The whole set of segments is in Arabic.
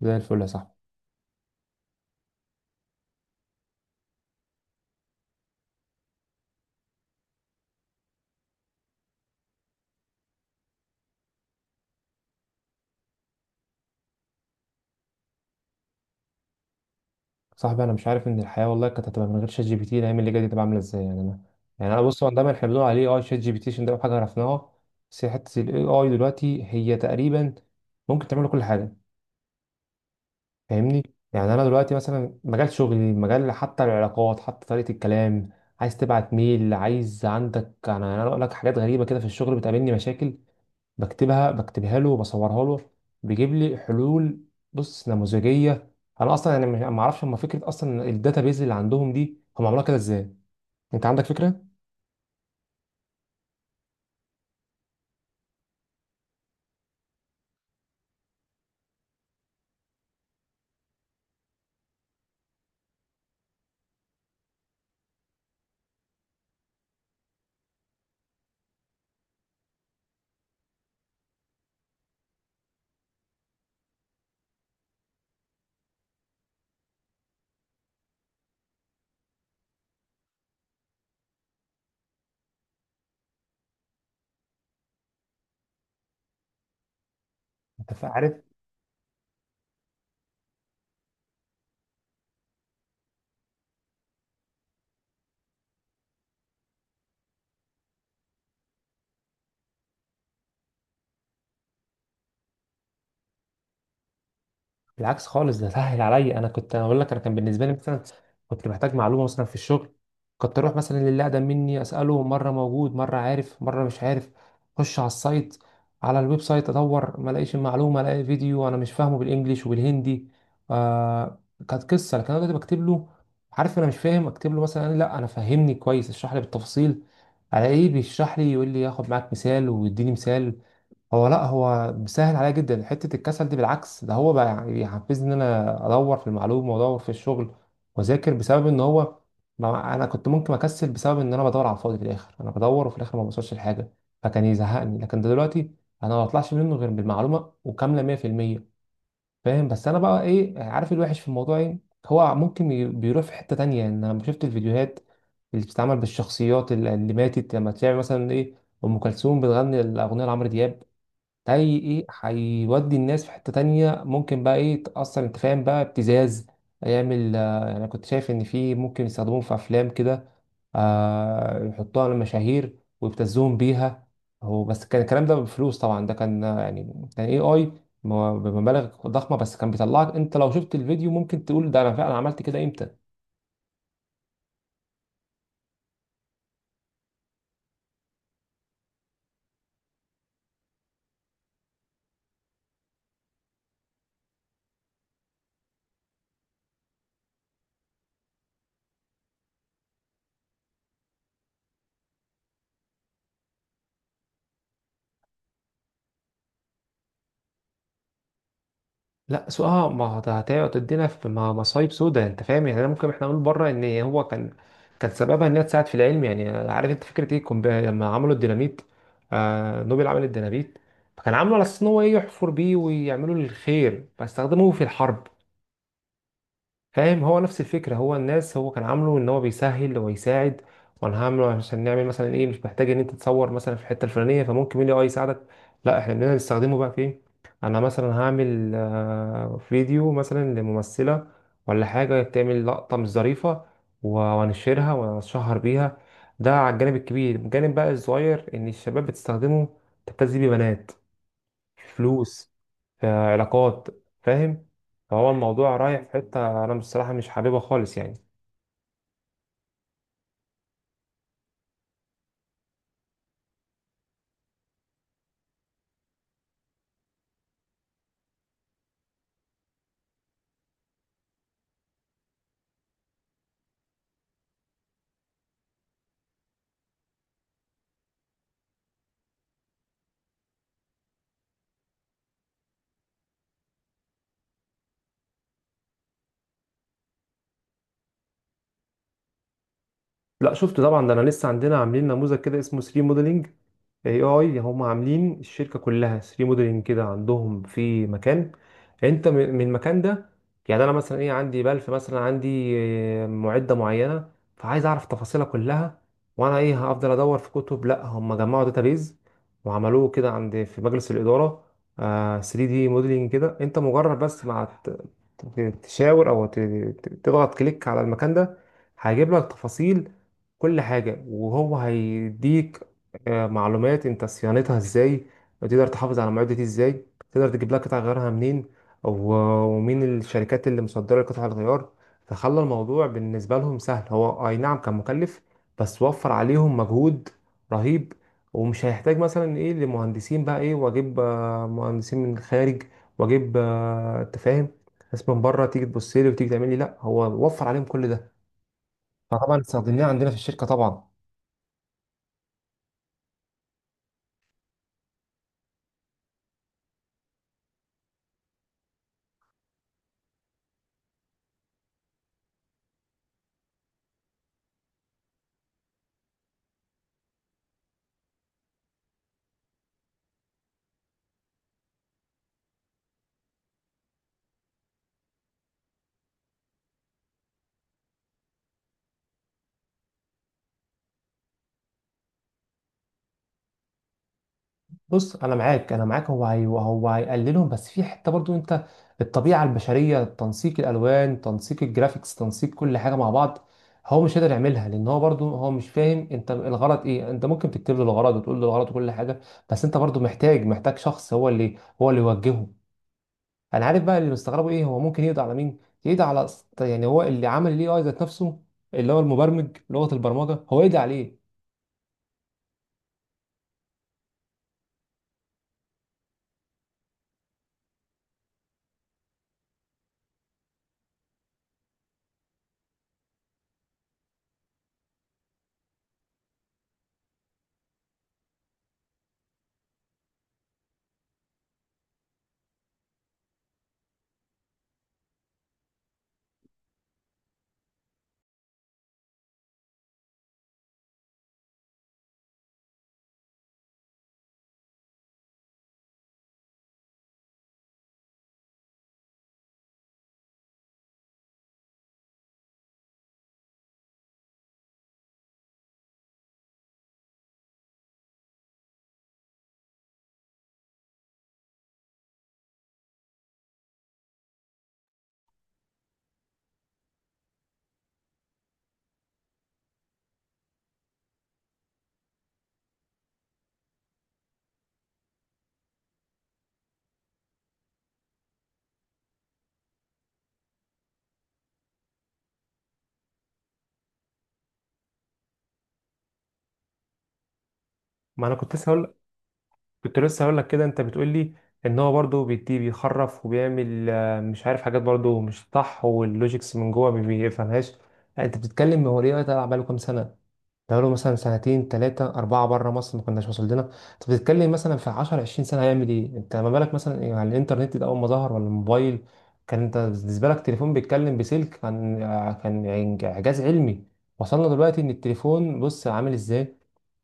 زي الفل يا صاحبي. صاحبي، انا مش عارف ان الحياه والله كانت هتبقى من غير شات جي بي تي. الايام اللي جايه دي تبقى عامله ازاي؟ يعني انا، بص، هو دايما احنا بنقول عليه شات جي بي تي عشان ده أول حاجه عرفناها. بس هي حته الاي اي دلوقتي هي تقريبا ممكن تعمل كل حاجه. فاهمني؟ يعني انا دلوقتي مثلا مجال شغلي، مجال، حتى العلاقات، حتى طريقه الكلام. عايز تبعت ميل، عايز عندك، انا اقول لك حاجات غريبه كده في الشغل بتقابلني مشاكل، بكتبها له وبصورها له، بيجيب لي حلول. بص، نموذجيه. انا اصلا يعني ما اعرفش هم فكره اصلا الداتابيز اللي عندهم دي هم عملوها كده ازاي؟ انت عندك فكره؟ انت عارف. بالعكس خالص، ده سهل عليا. انا كنت هقول لك، انا كان بالنسبه لي مثلا كنت محتاج معلومه مثلا في الشغل، كنت اروح مثلا للي اقدم مني اساله، مره موجود مره عارف مره مش عارف. اخش على السايت، على الويب سايت، ادور، ما الاقيش المعلومه، الاقي فيديو انا مش فاهمه بالانجليش وبالهندي. آه، كانت قصه. لكن انا دلوقتي بكتب له، عارف، انا مش فاهم، اكتب له مثلا لا انا فهمني كويس، اشرح لي بالتفاصيل على ايه، بيشرح لي، يقول لي ياخد معاك مثال ويديني مثال. هو لا، هو بيسهل عليا جدا. حته الكسل دي بالعكس، ده هو بقى يعني بيحفزني ان انا ادور في المعلومه وادور في الشغل واذاكر، بسبب ان هو، ما انا كنت ممكن اكسل بسبب ان انا بدور على الفاضي، في الاخر انا بدور وفي الاخر ما بوصلش لحاجه، فكان يزهقني. لكن ده دلوقتي انا ما بطلعش منه غير بالمعلومه وكامله، 100%. فاهم؟ بس انا بقى ايه، عارف الوحش في الموضوع ايه؟ هو ممكن بيروح في حته تانية، ان انا شفت الفيديوهات اللي بتتعمل بالشخصيات اللي ماتت، لما تلاقي مثلا ايه، ام كلثوم بتغني الاغنيه لعمرو دياب. هي ايه؟ هيودي الناس في حتة تانية. ممكن بقى ايه، تأثر، انت فاهم، بقى ابتزاز. هيعمل، يعني انا كنت شايف ان في ممكن يستخدموهم في افلام كده، يحطوها على المشاهير ويبتزوهم بيها. هو بس كان الكلام ده بفلوس طبعا، ده كان، يعني كان اي اي بمبالغ ضخمة، بس كان بيطلعك انت لو شفت الفيديو ممكن تقول ده انا فعلا عملت كده امتى. لا، سو اه ما هو ده هتقعد تدينا في مصايب سودا. انت فاهم يعني. أنا ممكن احنا نقول بره ان هو كان، كان سببها ان هي تساعد في العلم. يعني عارف انت فكره ايه، لما عملوا الديناميت، نوبل عمل الديناميت فكان عامله على اساس ان هو ايه، يحفر بيه ويعملوا الخير، فاستخدموه في الحرب. فاهم؟ هو نفس الفكرة. هو الناس، هو كان عامله ان هو بيسهل ويساعد، وانا هعمله عشان نعمل مثلا ايه، مش محتاج ان انت تصور مثلا في الحتة الفلانية، فممكن الاي اي يساعدك. لا، احنا بدنا نستخدمه بقى في ايه. انا مثلا هعمل فيديو مثلا لممثلة ولا حاجة، تعمل لقطة مش ظريفة وانشرها واتشهر بيها. ده على الجانب الكبير. الجانب بقى الصغير، ان الشباب بتستخدمه تبتزي بيه بنات، فلوس، في علاقات. فاهم؟ فهو الموضوع رايح في حتة أنا بصراحة مش حاببها خالص يعني. لا، شفت طبعا. ده أنا لسه عندنا عاملين نموذج كده اسمه 3 موديلنج اي اي. هم عاملين الشركه كلها 3 موديلنج كده، عندهم في مكان انت من المكان ده، يعني انا مثلا ايه، عندي بلف مثلا، عندي معده معينه، فعايز اعرف تفاصيلها كلها، وانا ايه هفضل ادور في كتب؟ لا، هم جمعوا داتابيز وعملوه كده عند في مجلس الاداره، 3 دي موديلنج كده، انت مجرد بس مع تشاور او تضغط كليك على المكان ده، هيجيب لك تفاصيل كل حاجة. وهو هيديك معلومات انت صيانتها ازاي، تقدر تحافظ على المعدة دي ازاي، تقدر تجيب لها قطع غيارها منين، و- ومين الشركات اللي مصدرة قطع الغيار. فخلى الموضوع بالنسبة لهم سهل. هو اي نعم كان مكلف، بس وفر عليهم مجهود رهيب. ومش هيحتاج مثلا ايه لمهندسين بقى ايه، واجيب مهندسين من الخارج، واجيب انت فاهم، ناس من بره تيجي تبص لي وتيجي تعمل لي. لا، هو وفر عليهم كل ده. فطبعا استخدمناه عندنا في الشركة طبعا. بص، انا معاك. هو هي، هيقللهم، بس في حته برضو انت، الطبيعه البشريه، تنسيق الالوان، تنسيق الجرافيكس، تنسيق كل حاجه مع بعض، هو مش قادر يعملها، لان هو برضو هو مش فاهم انت الغرض ايه. انت ممكن تكتب له الغرض وتقول له الغرض وكل حاجه، بس انت برضو محتاج، شخص هو اللي يوجهه. انا عارف بقى اللي مستغربه ايه، هو ممكن يقضي على مين، يقضي على، يعني هو اللي عمل الاي اي ذات نفسه، اللي هو المبرمج، لغه البرمجه هو يقضي عليه. ما انا كنت لسه هقول كنت لسه هقول لك كده، انت بتقول لي ان هو برضه بيدي، بيخرف وبيعمل، مش عارف، حاجات برضه مش صح، واللوجيكس من جوه ما بيفهمهاش. لا، انت بتتكلم هو ليه بقى؟ بقاله كام سنه؟ بقاله مثلا سنتين تلاتة أربعة. بره مصر ما كناش وصل لنا. أنت بتتكلم مثلا في 10 20 سنة هيعمل إيه؟ أنت ما بالك مثلا إيه، على الإنترنت ده أول ما ظهر، ولا الموبايل، كان أنت بالنسبة لك تليفون بيتكلم بسلك، كان، كان إعجاز علمي. وصلنا دلوقتي إن التليفون بص عامل إزاي؟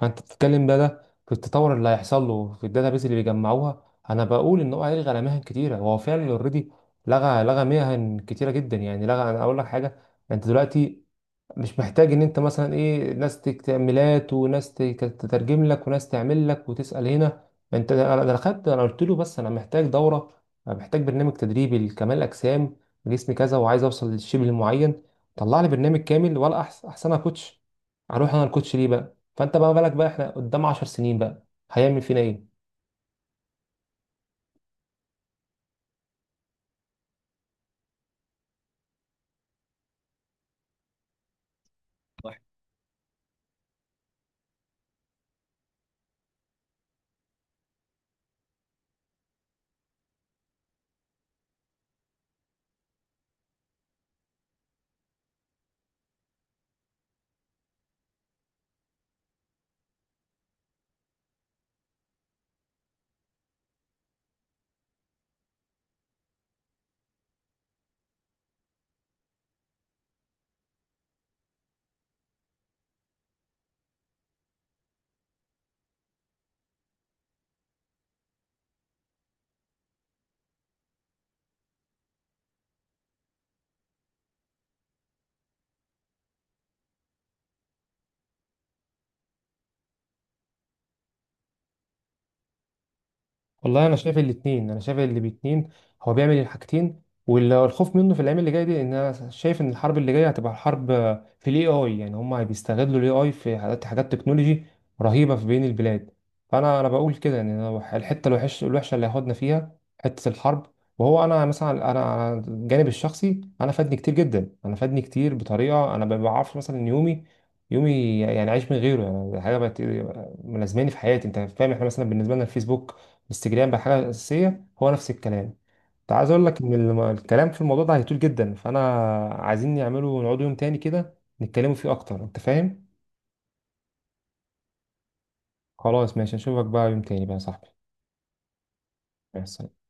فأنت بتتكلم بقى ده في التطور اللي هيحصل له، في الداتابيز اللي بيجمعوها. أنا بقول إن هو هيلغي على مهن كتيرة. هو فعلا أوريدي لغى، مهن كتيرة جدا. يعني لغى، أنا أقول لك حاجة. أنت دلوقتي مش محتاج ان انت مثلا ايه، ناس تعملات، وناس تترجم لك، وناس تعمل لك، وتسأل هنا. ما انت، انا، انا خدت انا قلت له بس انا محتاج دورة، انا محتاج برنامج تدريبي لكمال اجسام، جسمي كذا وعايز اوصل للشبه المعين. طلع لي برنامج كامل، ولا احسن، احسنها كوتش. هروح انا الكوتش ليه بقى؟ فانت بقى بالك بقى، احنا قدام 10 سنين بقى هيعمل فينا ايه. والله انا شايف الاثنين. انا شايف اللي باتنين، هو بيعمل الحاجتين. والخوف منه في الايام اللي جايه دي، ان انا شايف ان الحرب اللي جايه هتبقى حرب في الاي اي. يعني هم بيستغلوا الاي اي في حاجات، حاجات تكنولوجي رهيبه في بين البلاد. فانا، انا بقول كده ان أنا الحته الوحش، الوحشه اللي هياخدنا فيها، حته الحرب. وهو انا مثلا، انا على الجانب الشخصي، انا فادني كتير جدا، انا فادني كتير بطريقه انا ما بعرفش. مثلا إن يومي، يعني عايش من غيره، يعني حاجه بقت ملازماني في حياتي. انت فاهم، احنا مثلا بالنسبه لنا الفيسبوك، انستجرام، بقى حاجه اساسيه، هو نفس الكلام. انت عايز اقول لك ان الكلام في الموضوع ده هيطول جدا، فانا عايزين نعمله، نقعدوا يوم تاني كده نتكلموا فيه اكتر. انت فاهم؟ خلاص ماشي، اشوفك بقى يوم تاني بقى يا صاحبي. مع السلامه.